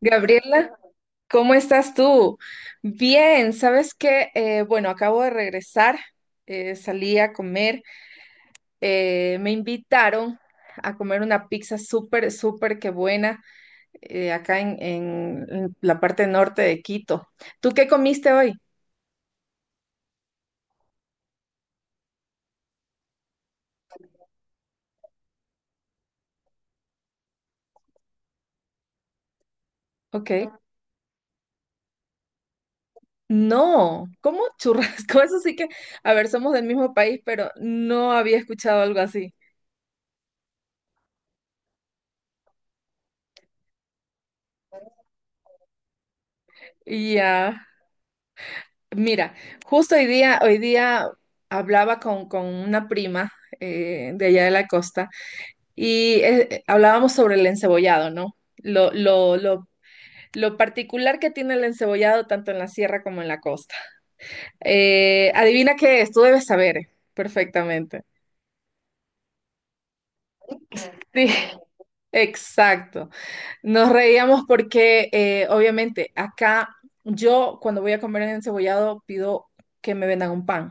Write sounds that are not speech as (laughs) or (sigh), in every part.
Gabriela, ¿cómo estás tú? Bien, ¿sabes qué? Bueno, Acabo de regresar, salí a comer, me invitaron a comer una pizza súper, súper que buena acá en, en la parte norte de Quito. ¿Tú qué comiste hoy? Ok. No, ¿cómo churrasco? (laughs) Eso sí que, a ver, somos del mismo país, pero no había escuchado algo así. Ya. Mira, justo hoy día hablaba con una prima de allá de la costa y hablábamos sobre el encebollado, ¿no? Lo particular que tiene el encebollado tanto en la sierra como en la costa. Adivina qué es, tú debes saber perfectamente. (laughs) Sí, exacto. Nos reíamos porque obviamente acá yo cuando voy a comer el encebollado pido que me vendan un pan,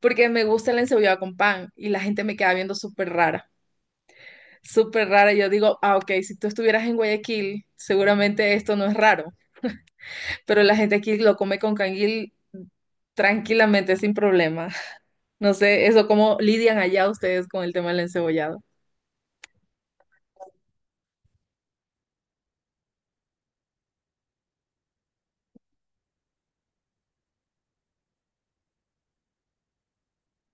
porque me gusta el encebollada con pan y la gente me queda viendo súper rara, súper rara. Y yo digo, ah, ok, si tú estuvieras en Guayaquil, seguramente esto no es raro, pero la gente aquí lo come con canguil tranquilamente, sin problema. (laughs) No sé, eso cómo lidian allá ustedes con el tema del encebollado.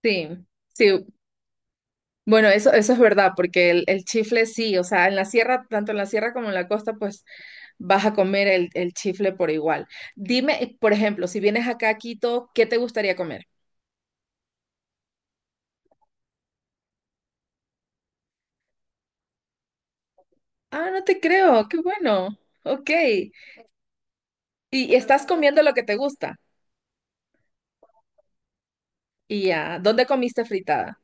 Sí, sí. Bueno, eso es verdad, porque el chifle sí, o sea, en la sierra, tanto en la sierra como en la costa, pues vas a comer el chifle por igual. Dime, por ejemplo, si vienes acá a Quito, ¿qué te gustaría comer? Ah, no te creo, qué bueno. Ok. Y estás comiendo lo que te gusta. Y ya, ¿dónde comiste fritada?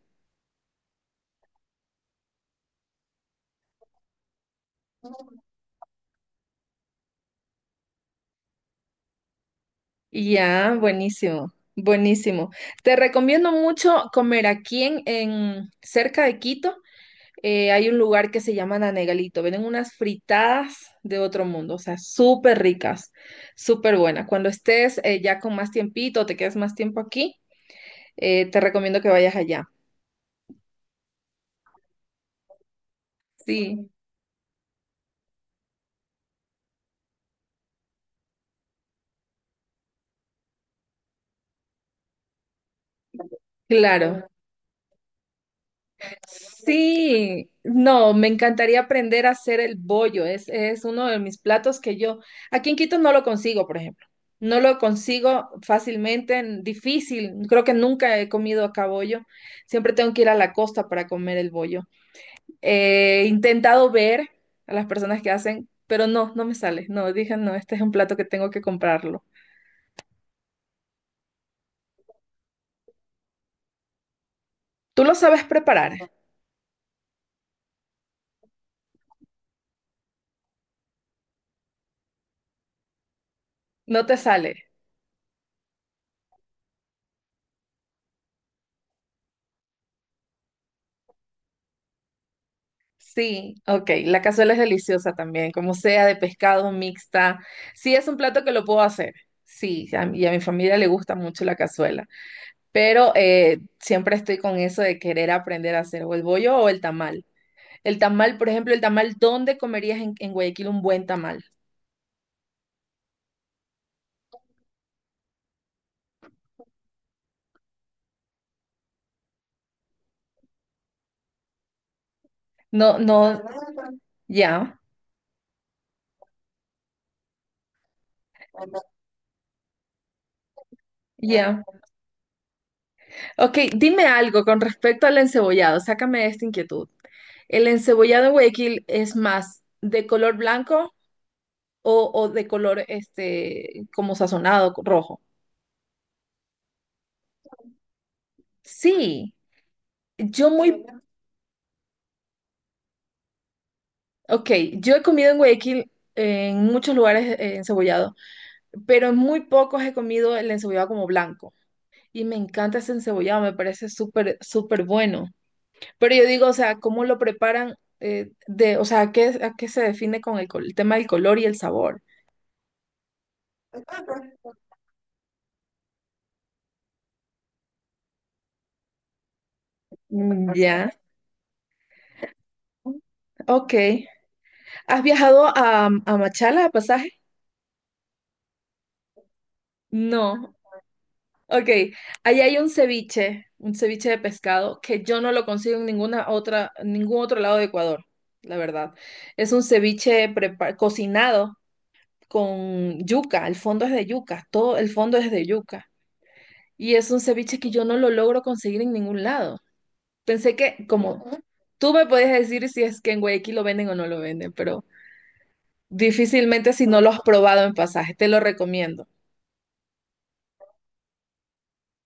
Y ya, buenísimo, buenísimo. Te recomiendo mucho comer aquí en, cerca de Quito. Hay un lugar que se llama Nanegalito. Venden unas fritadas de otro mundo, o sea, súper ricas, súper buenas. Cuando estés ya con más tiempito, te quedes más tiempo aquí, te recomiendo que vayas allá. Sí, claro. Sí, no, me encantaría aprender a hacer el bollo. Es uno de mis platos que yo, aquí en Quito no lo consigo, por ejemplo. No lo consigo fácilmente, difícil. Creo que nunca he comido acá bollo. Siempre tengo que ir a la costa para comer el bollo. He intentado ver a las personas que hacen, pero no, no me sale. No, dije, no, este es un plato que tengo que comprarlo. ¿Tú lo sabes preparar? No te sale. Sí, ok. La cazuela es deliciosa también, como sea, de pescado, mixta. Sí, es un plato que lo puedo hacer. Sí, y a mi familia le gusta mucho la cazuela. Pero siempre estoy con eso de querer aprender a hacer o el bollo o el tamal. El tamal, por ejemplo, el tamal, ¿dónde comerías en Guayaquil un buen tamal? No, no, ya, ya. Ok, dime algo con respecto al encebollado. Sácame de esta inquietud. ¿El encebollado en Guayaquil es más de color blanco? O, o de color este, como sazonado, rojo. Sí, yo muy, ok, yo he comido en Guayaquil en muchos lugares encebollado, pero en muy pocos he comido el encebollado como blanco. Y me encanta ese encebollado, me parece súper, súper bueno. Pero yo digo, o sea, ¿cómo lo preparan? O sea, a qué se define con el, el tema del color y el sabor? Mm, ya, ok. ¿Has viajado a Machala a pasaje? No, ok, ahí hay un ceviche de pescado que yo no lo consigo en ninguna otra, en ningún otro lado de Ecuador, la verdad. Es un ceviche cocinado con yuca, el fondo es de yuca, todo el fondo es de yuca. Y es un ceviche que yo no lo logro conseguir en ningún lado. Pensé que, como ujú, tú me podías decir si es que en Guayaquil lo venden o no lo venden, pero difícilmente si no lo has probado en pasaje, te lo recomiendo.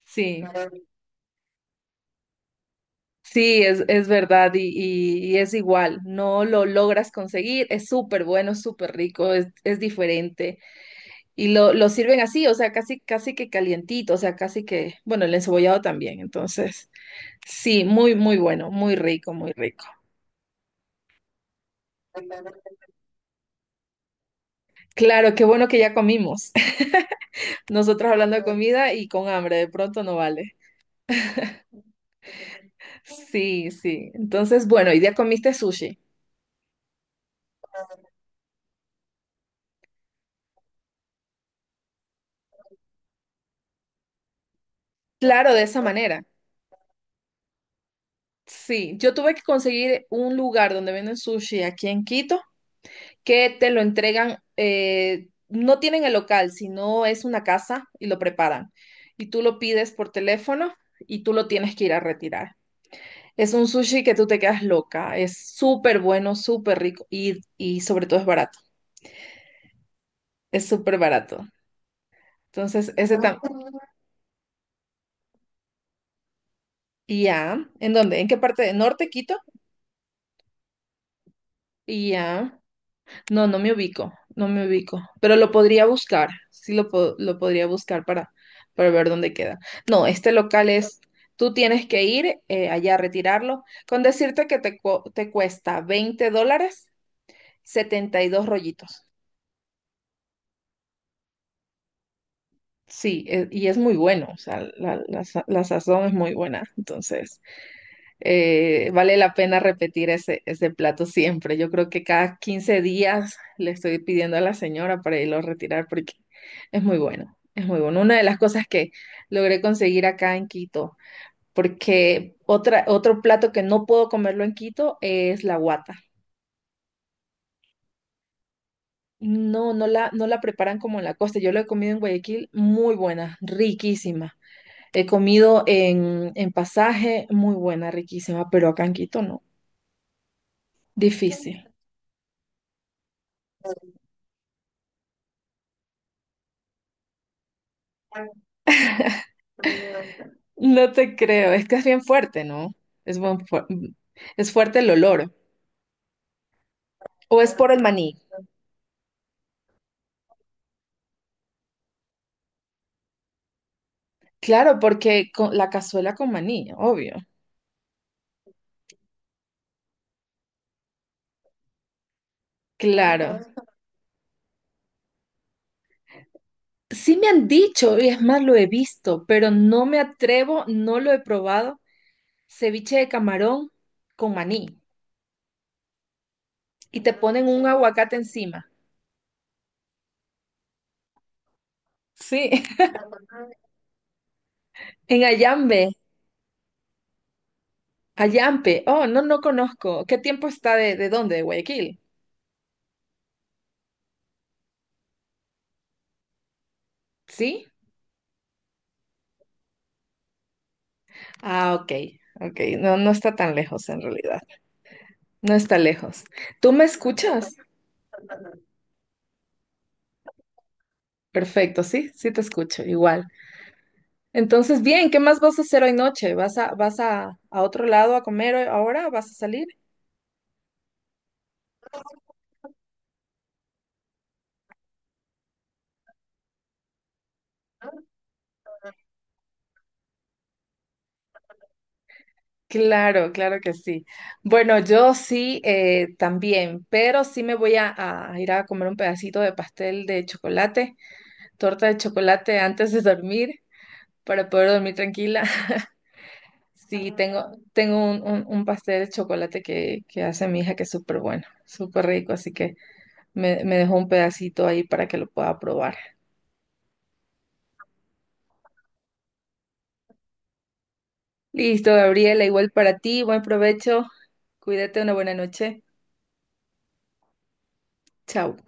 Sí. Sí, es verdad y, y es igual, no lo logras conseguir, es súper bueno, súper rico, es diferente y lo sirven así, o sea, casi, casi que calientito, o sea, casi que, bueno, el encebollado también, entonces, sí, muy, muy bueno, muy rico, muy rico. Claro, qué bueno que ya comimos, (laughs) nosotros hablando de comida y con hambre, de pronto no vale. Sí, sí, entonces, bueno, y ya comiste sushi, claro, de esa manera. Sí, yo tuve que conseguir un lugar donde venden sushi aquí en Quito que te lo entregan, no tienen el local, sino es una casa y lo preparan. Y tú lo pides por teléfono y tú lo tienes que ir a retirar. Es un sushi que tú te quedas loca, es súper bueno, súper rico y sobre todo es barato, es súper barato. Entonces, ese ah, y ya, ¿en dónde? ¿En qué parte? ¿De norte, Quito? Y ya. No, no me ubico, no me ubico, pero lo podría buscar, sí lo, lo podría buscar para ver dónde queda. No, este local es, tú tienes que ir allá a retirarlo, con decirte que te, te cuesta $20, 72 rollitos. Sí, y es muy bueno, o sea, la, la sazón es muy buena, entonces vale la pena repetir ese, ese plato siempre. Yo creo que cada 15 días le estoy pidiendo a la señora para irlo a retirar porque es muy bueno, es muy bueno. Una de las cosas que logré conseguir acá en Quito, porque otra, otro plato que no puedo comerlo en Quito es la guata. No, no la, no la preparan como en la costa. Yo lo he comido en Guayaquil, muy buena, riquísima. He comido en Pasaje, muy buena, riquísima, pero acá en Quito no. Difícil. No te creo, es que es bien fuerte, ¿no? Es, es fuerte el olor. ¿O es por el maní? Claro, porque con la cazuela con maní, obvio. Claro. Sí me han dicho, y es más, lo he visto, pero no me atrevo, no lo he probado. Ceviche de camarón con maní. Y te ponen un aguacate encima. Sí, (laughs) en Ayampe. Oh, no, no conozco. ¿Qué tiempo está de dónde? ¿De Guayaquil? ¿Sí? Ah, ok, ok. No, no está tan lejos en realidad. No está lejos. ¿Tú me escuchas? Perfecto, sí, sí te escucho, igual. Entonces, bien, ¿qué más vas a hacer hoy noche? ¿Vas a, vas a otro lado a comer ahora? ¿Vas a salir? Claro, claro que sí. Bueno, yo sí también, pero sí me voy a ir a comer un pedacito de pastel de chocolate, torta de chocolate antes de dormir, para poder dormir tranquila. (laughs) Sí, tengo, tengo un, un pastel de chocolate que hace mi hija que es súper bueno, súper rico, así que... Me dejó un pedacito ahí para que lo pueda probar. Listo, Gabriela, igual para ti, buen provecho. Cuídate, una buena noche. Chao.